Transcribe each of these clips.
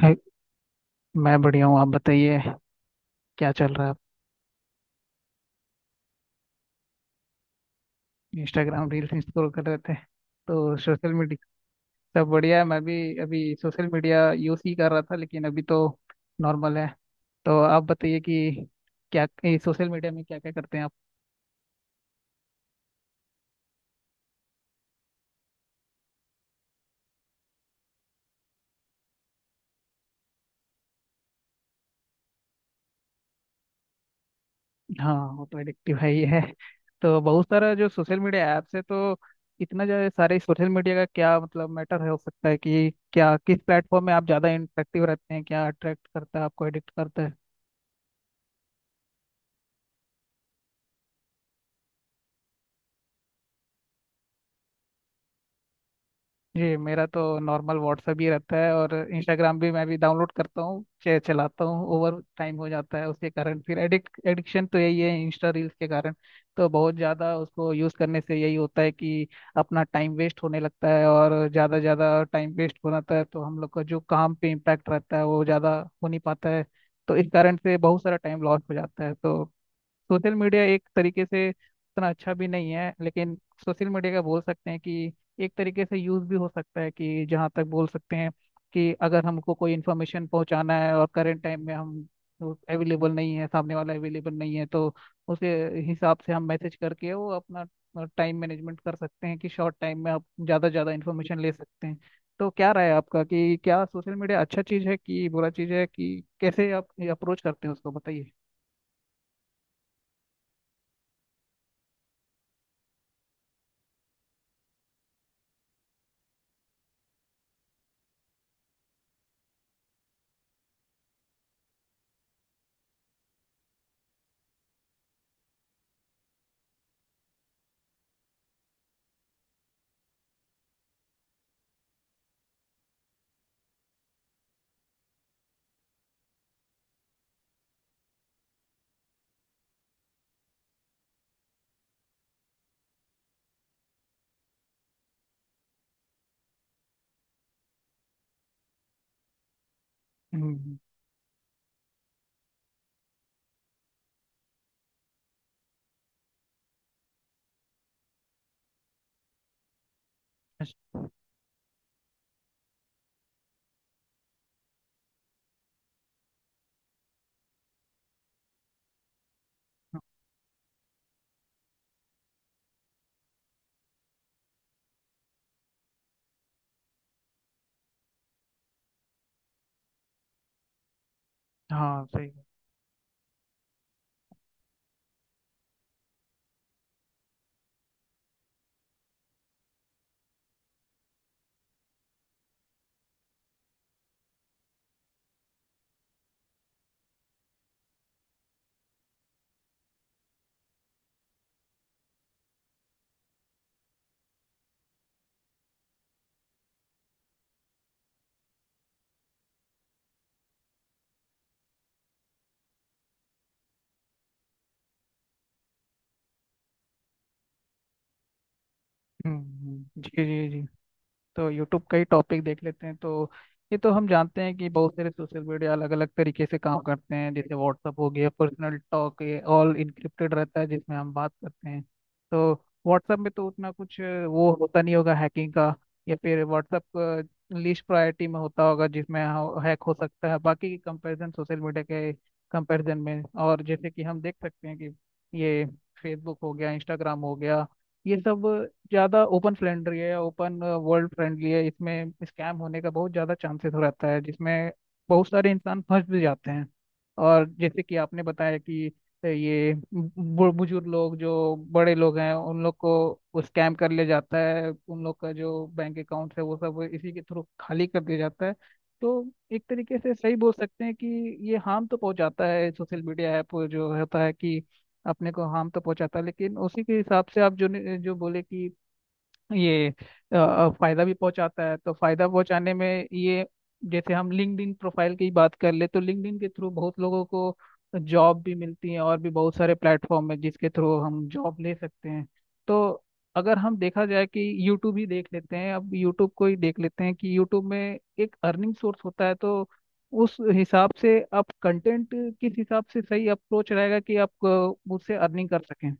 हाय, मैं बढ़िया हूँ। आप बताइए क्या चल रहा है आप। इंस्टाग्राम रील्स स्क्रॉल कर रहे थे तो सोशल मीडिया। सब बढ़िया है। मैं भी अभी सोशल मीडिया यूज ही कर रहा था, लेकिन अभी तो नॉर्मल है। तो आप बताइए कि क्या सोशल मीडिया में क्या क्या करते हैं आप। हाँ वो तो एडिक्टिव है ही है। तो बहुत सारा जो सोशल मीडिया ऐप्स है, तो इतना ज़्यादा सारे सोशल मीडिया का क्या मतलब मैटर है, हो सकता है कि क्या किस प्लेटफॉर्म में आप ज़्यादा इंटरेक्टिव रहते हैं, क्या अट्रैक्ट करता है, आपको एडिक्ट करता है। जी मेरा तो नॉर्मल व्हाट्सएप ही रहता है, और इंस्टाग्राम भी मैं भी डाउनलोड करता हूँ, चलाता हूँ, ओवर टाइम हो जाता है उसके कारण, फिर एडिक्ट एडिक्शन तो यही है इंस्टा रील्स के कारण। तो बहुत ज़्यादा उसको यूज़ करने से यही होता है कि अपना टाइम वेस्ट होने लगता है, और ज़्यादा ज़्यादा टाइम वेस्ट हो जाता है, तो हम लोग का जो काम पे इम्पैक्ट रहता है वो ज़्यादा हो नहीं पाता है। तो इस कारण से बहुत सारा टाइम लॉस हो जाता है। तो सोशल मीडिया एक तरीके से उतना अच्छा भी नहीं है, लेकिन सोशल मीडिया का बोल सकते हैं कि एक तरीके से यूज़ भी हो सकता है कि जहाँ तक बोल सकते हैं कि अगर हमको कोई इन्फॉर्मेशन पहुँचाना है, और करंट टाइम में हम अवेलेबल नहीं है, सामने वाला अवेलेबल नहीं है, तो उसे हिसाब से हम मैसेज करके वो अपना टाइम मैनेजमेंट कर सकते हैं कि शॉर्ट टाइम में आप ज़्यादा ज़्यादा इन्फॉर्मेशन ले सकते हैं। तो क्या राय है आपका, कि क्या सोशल मीडिया अच्छा चीज़ है कि बुरा चीज़ है, कि कैसे आप अप्रोच करते हैं उसको बताइए। हम्म। अच्छा। हाँ सही है। जी जी जी। तो यूट्यूब का ही टॉपिक देख लेते हैं, तो ये तो हम जानते हैं कि बहुत सारे सोशल मीडिया अलग अलग तरीके से काम करते हैं, जैसे व्हाट्सअप हो गया, पर्सनल टॉक ये ऑल इनक्रिप्टेड रहता है जिसमें हम बात करते हैं। तो व्हाट्सअप में तो उतना कुछ वो होता नहीं होगा हैकिंग का, या फिर व्हाट्सअप लिस्ट प्रायोरिटी में होता होगा जिसमें हैक हो सकता है, बाकी की कंपेरिजन सोशल मीडिया के कंपेरिजन में। और जैसे कि हम देख सकते हैं कि ये फेसबुक हो गया, इंस्टाग्राम हो गया, ये सब ज़्यादा ओपन फ्रेंडली है, ओपन वर्ल्ड फ्रेंडली है, इसमें स्कैम होने का बहुत ज़्यादा चांसेस रहता है जिसमें बहुत सारे इंसान फंस भी जाते हैं। और जैसे कि आपने बताया कि ये बुजुर्ग लोग जो बड़े लोग हैं उन लोग को स्कैम कर लिया जाता है, उन लोग का जो बैंक अकाउंट है वो सब इसी के थ्रू खाली कर दिया जाता है। तो एक तरीके से सही बोल सकते हैं कि ये हार्म तो पहुंचाता है, सोशल मीडिया ऐप जो होता है कि अपने को हार्म तो पहुंचाता, लेकिन उसी के हिसाब से आप जो जो बोले कि ये फायदा भी पहुंचाता है, तो फायदा पहुंचाने में ये, जैसे हम लिंक्डइन प्रोफाइल की बात कर ले तो लिंक्डइन के थ्रू बहुत लोगों को जॉब भी मिलती है, और भी बहुत सारे प्लेटफॉर्म है जिसके थ्रू हम जॉब ले सकते हैं। तो अगर हम देखा जाए कि यूट्यूब ही देख लेते हैं, अब यूट्यूब को ही देख लेते हैं कि यूट्यूब में एक अर्निंग सोर्स होता है, तो उस हिसाब से आप कंटेंट किस हिसाब से सही अप्रोच रहेगा कि आप उससे अर्निंग कर सकें।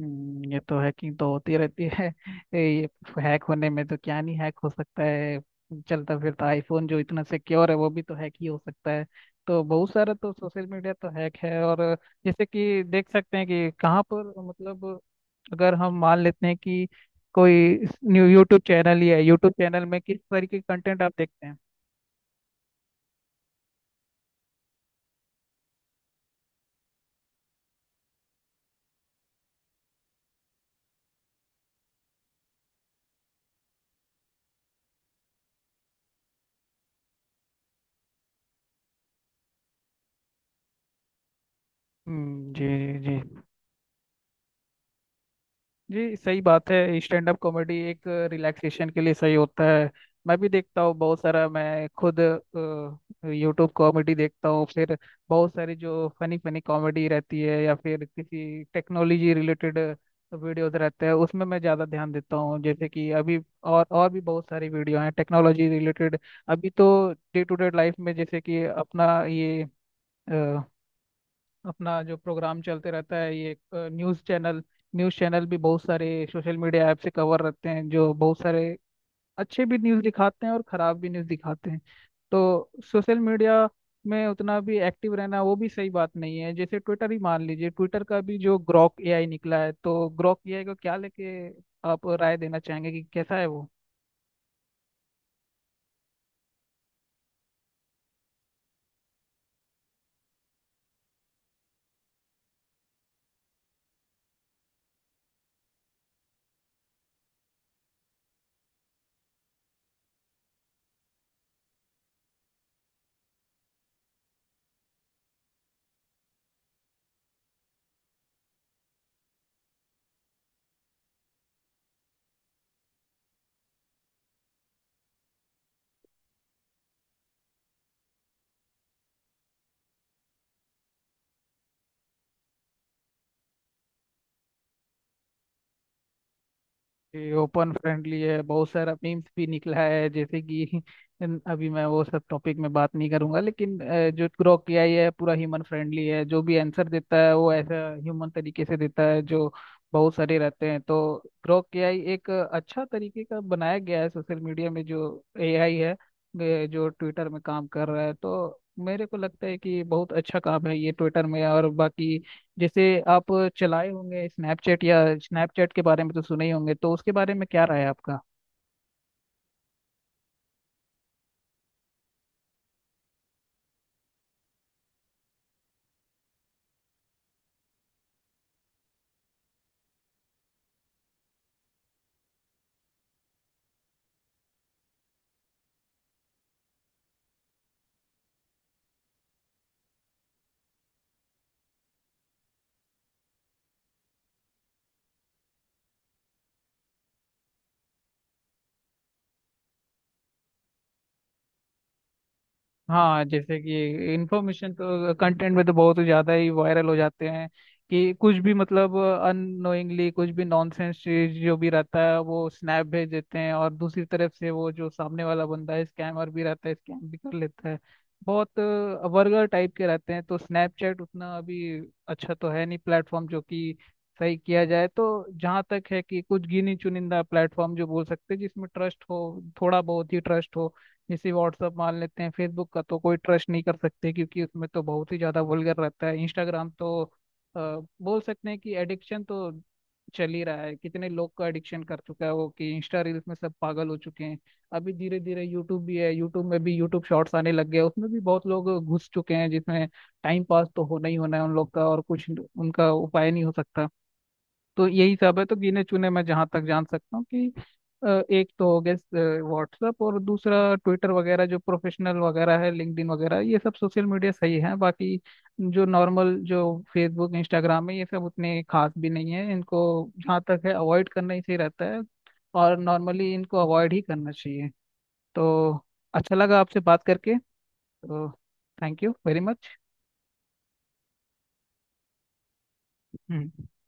ये तो हैकिंग तो होती रहती है ये हैक होने में तो क्या नहीं हैक हो सकता है। चलता फिरता आईफोन जो इतना सिक्योर है वो भी तो हैक ही हो सकता है। तो बहुत सारा तो सोशल मीडिया तो हैक है, और जैसे कि देख सकते हैं कि कहाँ पर मतलब, अगर हम मान लेते हैं कि कोई न्यू यूट्यूब चैनल ही है, यूट्यूब चैनल में किस तरीके के कंटेंट आप देखते हैं। जी। जी, जी सही बात है, स्टैंड अप कॉमेडी एक रिलैक्सेशन के लिए सही होता है। मैं भी देखता हूँ बहुत सारा, मैं खुद यूट्यूब कॉमेडी देखता हूँ, फिर बहुत सारी जो फनी फनी कॉमेडी रहती है, या फिर किसी टेक्नोलॉजी रिलेटेड वीडियोस रहते हैं उसमें मैं ज़्यादा ध्यान देता हूँ, जैसे कि अभी, और भी बहुत सारी वीडियो हैं टेक्नोलॉजी रिलेटेड। अभी तो डे टू डे लाइफ में जैसे कि अपना ये अपना जो प्रोग्राम चलते रहता है ये न्यूज़ चैनल, न्यूज़ चैनल भी बहुत सारे सोशल मीडिया ऐप से कवर रहते हैं, जो बहुत सारे अच्छे भी न्यूज़ दिखाते हैं और ख़राब भी न्यूज़ दिखाते हैं। तो सोशल मीडिया में उतना भी एक्टिव रहना वो भी सही बात नहीं है, जैसे ट्विटर ही मान लीजिए, ट्विटर का भी जो ग्रॉक एआई निकला है, तो ग्रॉक एआई को क्या लेके आप राय देना चाहेंगे कि कैसा है वो। ये ओपन फ्रेंडली है, बहुत सारा मीम्स भी निकला है जैसे कि अभी मैं वो सब टॉपिक में बात नहीं करूंगा, लेकिन जो ग्रोक एआई है पूरा ह्यूमन फ्रेंडली है, जो भी आंसर देता है वो ऐसा ह्यूमन तरीके से देता है जो बहुत सारे रहते हैं। तो ग्रोक एआई एक अच्छा तरीके का बनाया गया है, सोशल मीडिया में जो एआई है, जो ट्विटर में काम कर रहा है, तो मेरे को लगता है कि बहुत अच्छा काम है ये ट्विटर में। और बाकी, जैसे आप चलाए होंगे स्नैपचैट, या स्नैपचैट के बारे में तो सुने ही होंगे, तो उसके बारे में क्या राय है आपका। हाँ, जैसे कि इंफॉर्मेशन तो कंटेंट में तो बहुत ही ज़्यादा ही वायरल हो जाते हैं, कि कुछ भी मतलब अननोइंगली कुछ भी नॉनसेंस चीज जो भी रहता है वो स्नैप भेज देते हैं, और दूसरी तरफ से वो जो सामने वाला बंदा है स्कैमर भी रहता है, स्कैम भी कर लेता है। बहुत वर्गर टाइप के रहते हैं, तो स्नैपचैट उतना अभी अच्छा तो है नहीं प्लेटफॉर्म, जो कि सही किया जाए तो जहाँ तक है कि कुछ गिनी चुनिंदा प्लेटफॉर्म जो बोल सकते हैं जिसमें ट्रस्ट हो, थोड़ा बहुत ही ट्रस्ट हो, जैसे व्हाट्सअप मान लेते हैं। फेसबुक का तो कोई ट्रस्ट नहीं कर सकते, क्योंकि उसमें तो बहुत ही ज़्यादा वल्गर रहता है। इंस्टाग्राम तो अ, बोल सकते हैं कि एडिक्शन तो चल ही रहा है, कितने लोग का एडिक्शन कर चुका है वो कि इंस्टा रील्स में सब पागल हो चुके हैं। अभी धीरे धीरे यूट्यूब भी है, यूट्यूब में भी यूट्यूब शॉर्ट्स आने लग गए, उसमें भी बहुत लोग घुस चुके हैं, जिसमें टाइम पास तो होना ही होना है उन लोग का, और कुछ उनका उपाय नहीं हो सकता। तो यही सब है, तो गिने चुने मैं जहाँ तक जान सकता हूँ कि एक तो हो गया व्हाट्सएप, और दूसरा ट्विटर वगैरह, जो प्रोफेशनल वगैरह है लिंक्डइन वगैरह, ये सब सोशल मीडिया सही है। बाकी जो नॉर्मल जो फेसबुक इंस्टाग्राम है, ये सब उतने खास भी नहीं है, इनको जहाँ तक है अवॉइड करना ही सही रहता है, और नॉर्मली इनको अवॉइड ही करना चाहिए। तो अच्छा लगा आपसे बात करके, तो थैंक यू वेरी मच।